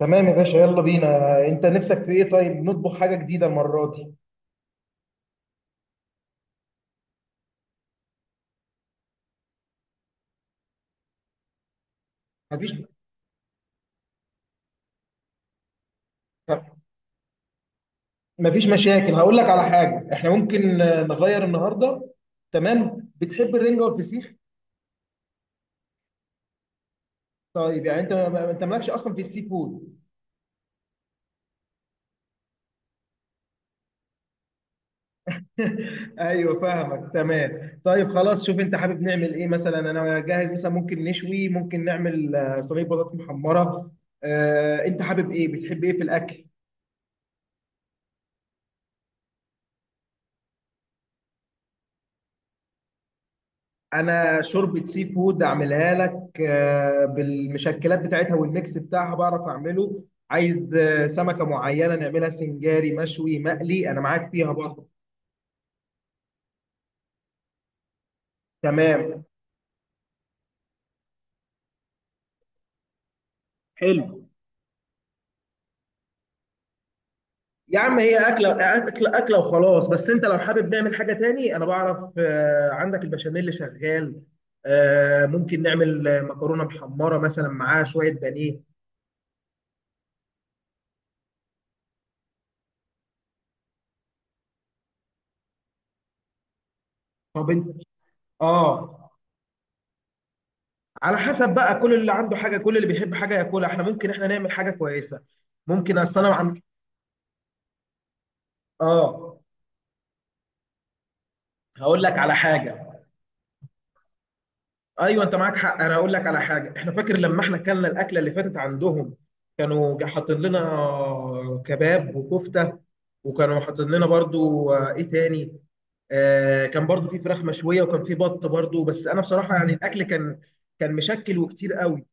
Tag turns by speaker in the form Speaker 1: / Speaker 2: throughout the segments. Speaker 1: تمام يا باشا، يلا بينا. انت نفسك في ايه؟ طيب نطبخ حاجه جديده المره دي. مفيش مفيش مشاكل. هقول لك على حاجه، احنا ممكن نغير النهارده. تمام. بتحب الرنجه والفسيخ؟ طيب يعني انت انت مالكش اصلا في السي فود؟ ايوه، فاهمك. تمام طيب، خلاص شوف انت حابب نعمل ايه. مثلا انا جاهز، مثلا ممكن نشوي، ممكن نعمل صينيه بطاطس محمره. انت حابب ايه؟ بتحب ايه في الاكل؟ انا شوربه سي فود اعملها لك بالمشكلات بتاعتها والميكس بتاعها، بعرف اعمله. عايز سمكه معينه نعملها سنجاري، مشوي، مقلي، انا معاك فيها برضه. تمام. حلو. يا عم هي اكله اكله اكله وخلاص. بس انت لو حابب نعمل حاجه تاني، انا بعرف. عندك البشاميل اللي شغال، ممكن نعمل مكرونه محمره مثلا معاها شويه بانيه. طب انت. اه، على حسب بقى كل اللي عنده حاجه، كل اللي بيحب حاجه ياكلها. احنا ممكن احنا نعمل حاجه كويسه. ممكن اصل انا عن. اه. هقول لك على حاجه. ايوه، انت معاك حق. انا هقول لك على حاجه. احنا فاكر لما احنا اكلنا الاكله اللي فاتت عندهم؟ كانوا حاطين لنا كباب وكفته، وكانوا حاطين لنا برضو ايه تاني، آه كان برضو في فراخ مشويه، وكان في بط برضو. بس انا بصراحه يعني الاكل كان، كان مشكل وكتير قوي.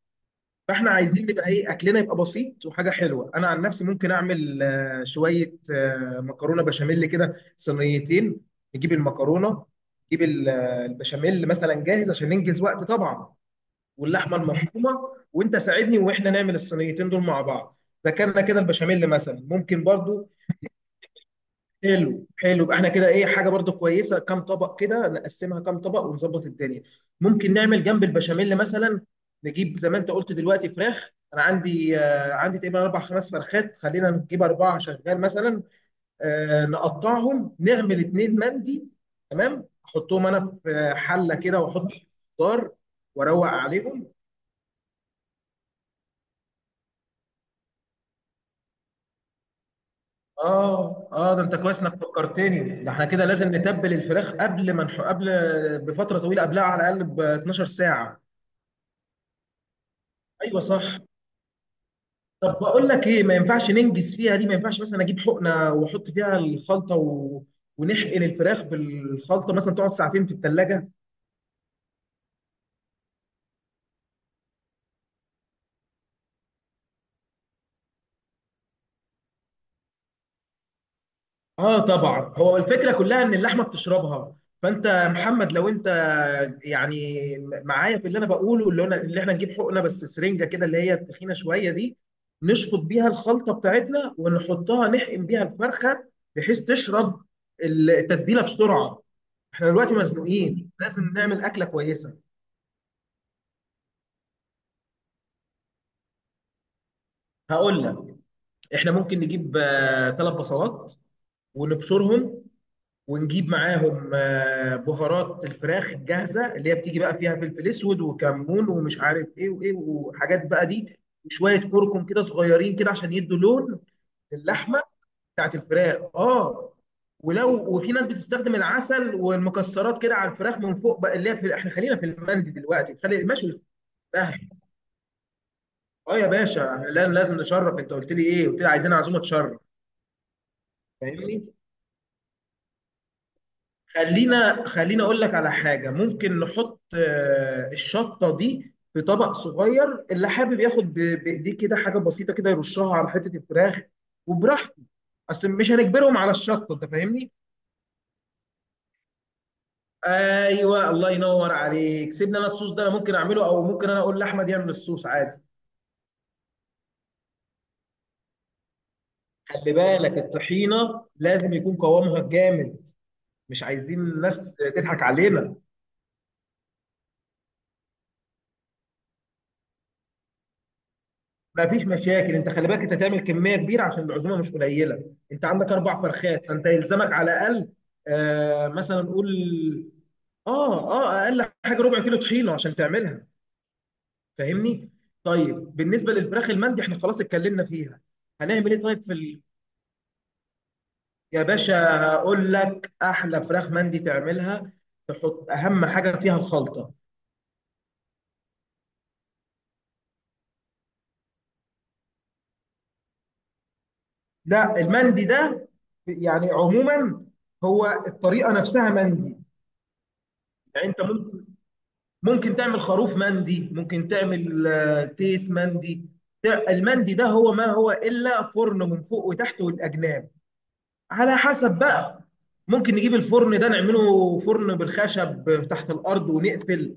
Speaker 1: فاحنا عايزين يبقى ايه، اكلنا يبقى بسيط وحاجه حلوه. انا عن نفسي ممكن اعمل شويه مكرونه بشاميل كده، صينيتين. نجيب المكرونه، نجيب البشاميل مثلا جاهز عشان ننجز وقت طبعا، واللحمه المفرومه، وانت ساعدني واحنا نعمل الصينيتين دول مع بعض. ذكرنا كده البشاميل، مثلا ممكن برضو. حلو حلو. يبقى احنا كده ايه، حاجه برضو كويسه. كام طبق كده نقسمها؟ كام طبق ونظبط الدنيا؟ ممكن نعمل جنب البشاميل مثلا، نجيب زي ما انت قلت دلوقتي فراخ. انا عندي آه عندي تقريبا اربع خمس فرخات. خلينا نجيب اربعه شغال مثلا، آه نقطعهم، نعمل اتنين مندي. تمام احطهم انا في حله كده واحط خضار واروق عليهم. اه اه، ده انت كويس انك فكرتني. ده احنا كده لازم نتبل الفراخ قبل ما نح... قبل بفتره طويله، قبلها على الاقل ب 12 ساعه. ايوه صح. طب بقول لك ايه، ما ينفعش ننجز فيها دي؟ ما ينفعش مثلا اجيب حقنه واحط فيها الخلطه ونحقن الفراخ بالخلطه، مثلا تقعد ساعتين في الثلاجه. اه طبعا، هو الفكره كلها ان اللحمه بتشربها. فانت يا محمد لو انت يعني معايا في اللي انا بقوله، اللي انا اللي احنا نجيب حقنه، بس سرنجه كده اللي هي التخينه شويه دي، نشفط بيها الخلطه بتاعتنا ونحطها، نحقن بيها الفرخه بحيث تشرب التتبيله بسرعه. احنا دلوقتي مزنوقين لازم نعمل اكله كويسه. هقول لك. احنا ممكن نجيب ثلاث بصلات ونبشرهم، ونجيب معاهم بهارات الفراخ الجاهزه اللي هي بتيجي بقى فيها فلفل اسود وكمون ومش عارف ايه وايه وحاجات بقى دي، وشويه كركم كده صغيرين كده عشان يدوا لون للحمه بتاعت الفراخ. اه. ولو وفي ناس بتستخدم العسل والمكسرات كده على الفراخ من فوق بقى، اللي هي في احنا خلينا في المندي دلوقتي، خلي ماشي. اه يا باشا، لا لازم نشرف. انت قلت لي ايه؟ قلت لي عايزين عزومه تشرف. فاهمني؟ خلينا اقول لك على حاجه، ممكن نحط الشطه دي في طبق صغير، اللي حابب ياخد بايديه كده حاجه بسيطه كده يرشها على حته الفراخ وبراحته. اصل مش هنجبرهم على الشطه، انت فاهمني. ايوه، الله ينور عليك. سيبنا، انا الصوص ده انا ممكن اعمله، او ممكن انا اقول لاحمد يعمل الصوص عادي. خلي بالك الطحينه لازم يكون قوامها جامد، مش عايزين الناس تضحك علينا. ما فيش مشاكل. انت خلي بالك انت تعمل كميه كبيره عشان العزومه مش قليله. انت عندك اربع فرخات، فانت يلزمك على الاقل مثلا نقول. اه اه، اقل حاجه ربع كيلو طحينه عشان تعملها. فاهمني؟ طيب بالنسبه للفراخ المندي احنا خلاص اتكلمنا فيها. هنعمل ايه طيب في يا باشا هقول لك. احلى فراخ مندي تعملها، تحط اهم حاجه فيها الخلطه. لا المندي ده يعني عموما هو الطريقه نفسها مندي. يعني انت ممكن، ممكن تعمل خروف مندي، ممكن تعمل تيس مندي. المندي ده هو ما هو إلا فرن من فوق وتحت والأجناب، على حسب بقى. ممكن نجيب الفرن ده نعمله فرن بالخشب تحت الأرض ونقفل،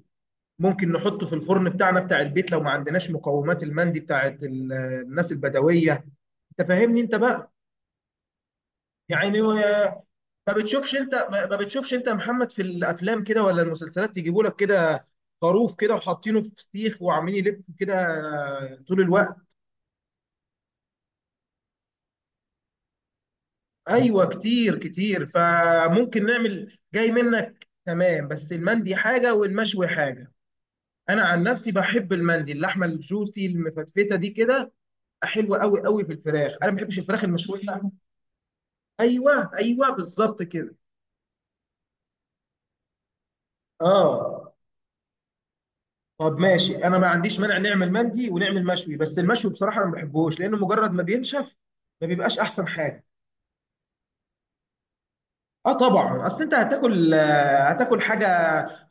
Speaker 1: ممكن نحطه في الفرن بتاعنا بتاع البيت لو ما عندناش مقومات المندي بتاعت الناس البدوية. انت فاهمني انت بقى؟ يعني ما بتشوفش انت، ما بتشوفش انت يا محمد في الافلام كده ولا المسلسلات يجيبوا لك كده خروف كده وحاطينه في سيخ وعاملين يلف كده طول الوقت؟ ايوه كتير كتير، فممكن نعمل جاي منك. تمام بس المندي حاجه والمشوي حاجه. انا عن نفسي بحب المندي، اللحمه الجوسي المفتفته دي كده، حلوه قوي قوي في الفراخ. انا ما بحبش الفراخ المشويه. ايوه ايوه، بالظبط كده. اه. طب ماشي انا ما عنديش مانع نعمل مندي ونعمل مشوي، بس المشوي بصراحه انا ما بحبهوش لانه مجرد ما بينشف ما بيبقاش احسن حاجه. اه طبعا، اصل انت هتاكل هتاكل حاجه.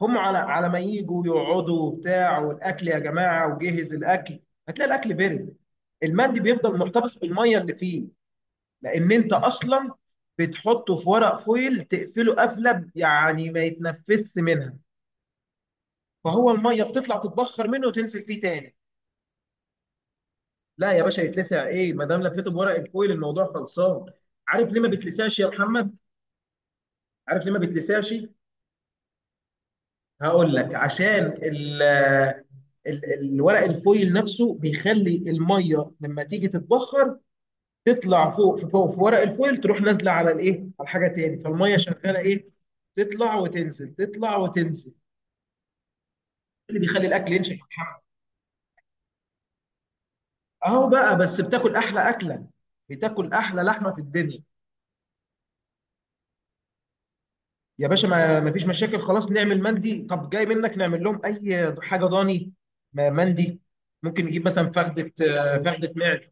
Speaker 1: هم على على ما يجوا يقعدوا وبتاع، والاكل يا جماعه وجهز الاكل، هتلاقي الاكل برد. المندي بيفضل محتفظ بالميه اللي فيه، لان انت اصلا بتحطه في ورق فويل تقفله قفله، يعني ما يتنفسش منها. فهو الميه بتطلع تتبخر منه وتنزل فيه تاني. لا يا باشا يتلسع ايه، ما دام لفيته بورق الفويل الموضوع خلصان. عارف ليه ما بتلسعش يا محمد؟ عارف ليه ما بتلسعش؟ هقول لك. عشان الورق الفويل نفسه بيخلي الميه لما تيجي تتبخر تطلع فوق، في فوق في ورق الفويل تروح نازله على الايه، على حاجه تاني. فالميه شغاله ايه، تطلع وتنزل تطلع وتنزل. إيه اللي بيخلي الاكل ينشف يا محمد؟ اهو بقى. بس بتاكل احلى اكله، بتاكل احلى لحمه في الدنيا. يا باشا ما ما فيش مشاكل، خلاص نعمل مندي. طب جاي منك نعمل لهم اي حاجه ضاني، مندي. ممكن نجيب مثلا فخده فخده معد.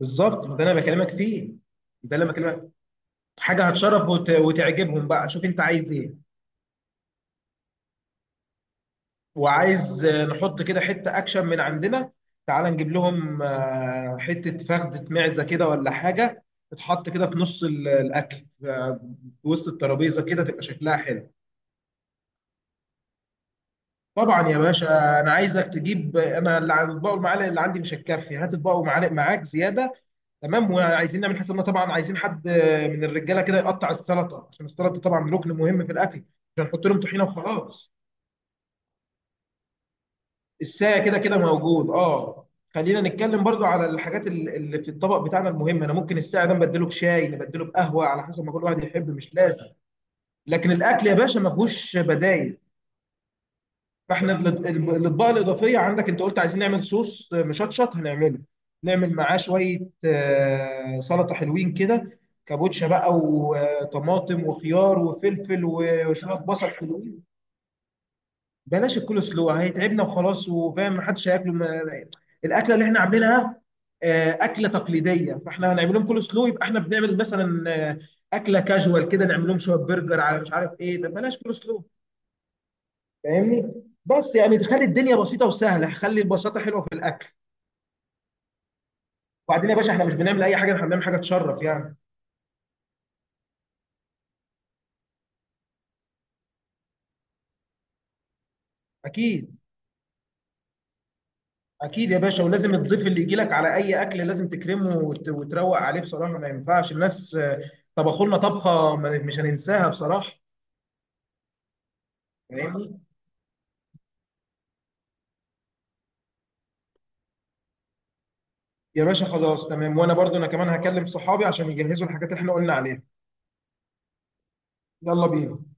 Speaker 1: بالظبط ده انا بكلمك فيه. ده اللي أنا بكلمك. حاجه هتشرف وتعجبهم بقى. شوف انت عايز ايه. وعايز نحط كده حته اكشن من عندنا. تعال نجيب لهم حته فخده معزه كده ولا حاجه، تتحط كده في نص الاكل في وسط الترابيزه كده تبقى شكلها حلو. طبعا يا باشا انا عايزك تجيب. انا اللي الاطباق والمعالق اللي عندي مش هتكفي، هات اطباق ومعالق معاك زياده. تمام، وعايزين نعمل حسابنا طبعا. عايزين حد من الرجاله كده يقطع السلطه، عشان السلطه طبعا ركن مهم في الاكل، مش هنحط لهم طحينه وخلاص. الساعة كده كده موجود، اه. خلينا نتكلم برضو على الحاجات اللي في الطبق بتاعنا المهمه. انا ممكن الساعة ده نبدله بشاي، نبدله بقهوه على حسب ما كل واحد يحب، مش لازم. لكن الاكل يا باشا ما فيهوش بدايل. فاحنا الاطباق الاضافيه عندك، انت قلت عايزين نعمل صوص مشطشط هنعمله، نعمل معاه شويه سلطه حلوين كده، كابوتشا بقى وطماطم وخيار وفلفل وشويه بصل حلوين. بلاش الكول سلو هيتعبنا وخلاص، وفاهم محدش هياكله. الاكله اللي احنا عاملينها اكله تقليديه. فاحنا هنعمل لهم كول سلو يبقى احنا بنعمل مثلا اكله كاجوال كده، نعمل لهم شويه برجر على مش عارف ايه. ده بلاش كول سلو. فاهمني. بس يعني تخلي الدنيا بسيطه وسهله، خلي البساطه حلوه في الأكل. وبعدين يا باشا، احنا مش بنعمل اي حاجه، احنا بنعمل حاجه تشرف يعني. اكيد اكيد يا باشا. ولازم الضيف اللي يجي لك على اي اكل لازم تكرمه وتروق عليه بصراحه. ما ينفعش الناس طبخوا لنا طبخه مش هننساها بصراحه. فاهمني؟ يا باشا خلاص تمام. وانا برضو انا كمان هكلم صحابي عشان يجهزوا الحاجات اللي احنا قلنا عليها. يلا بينا.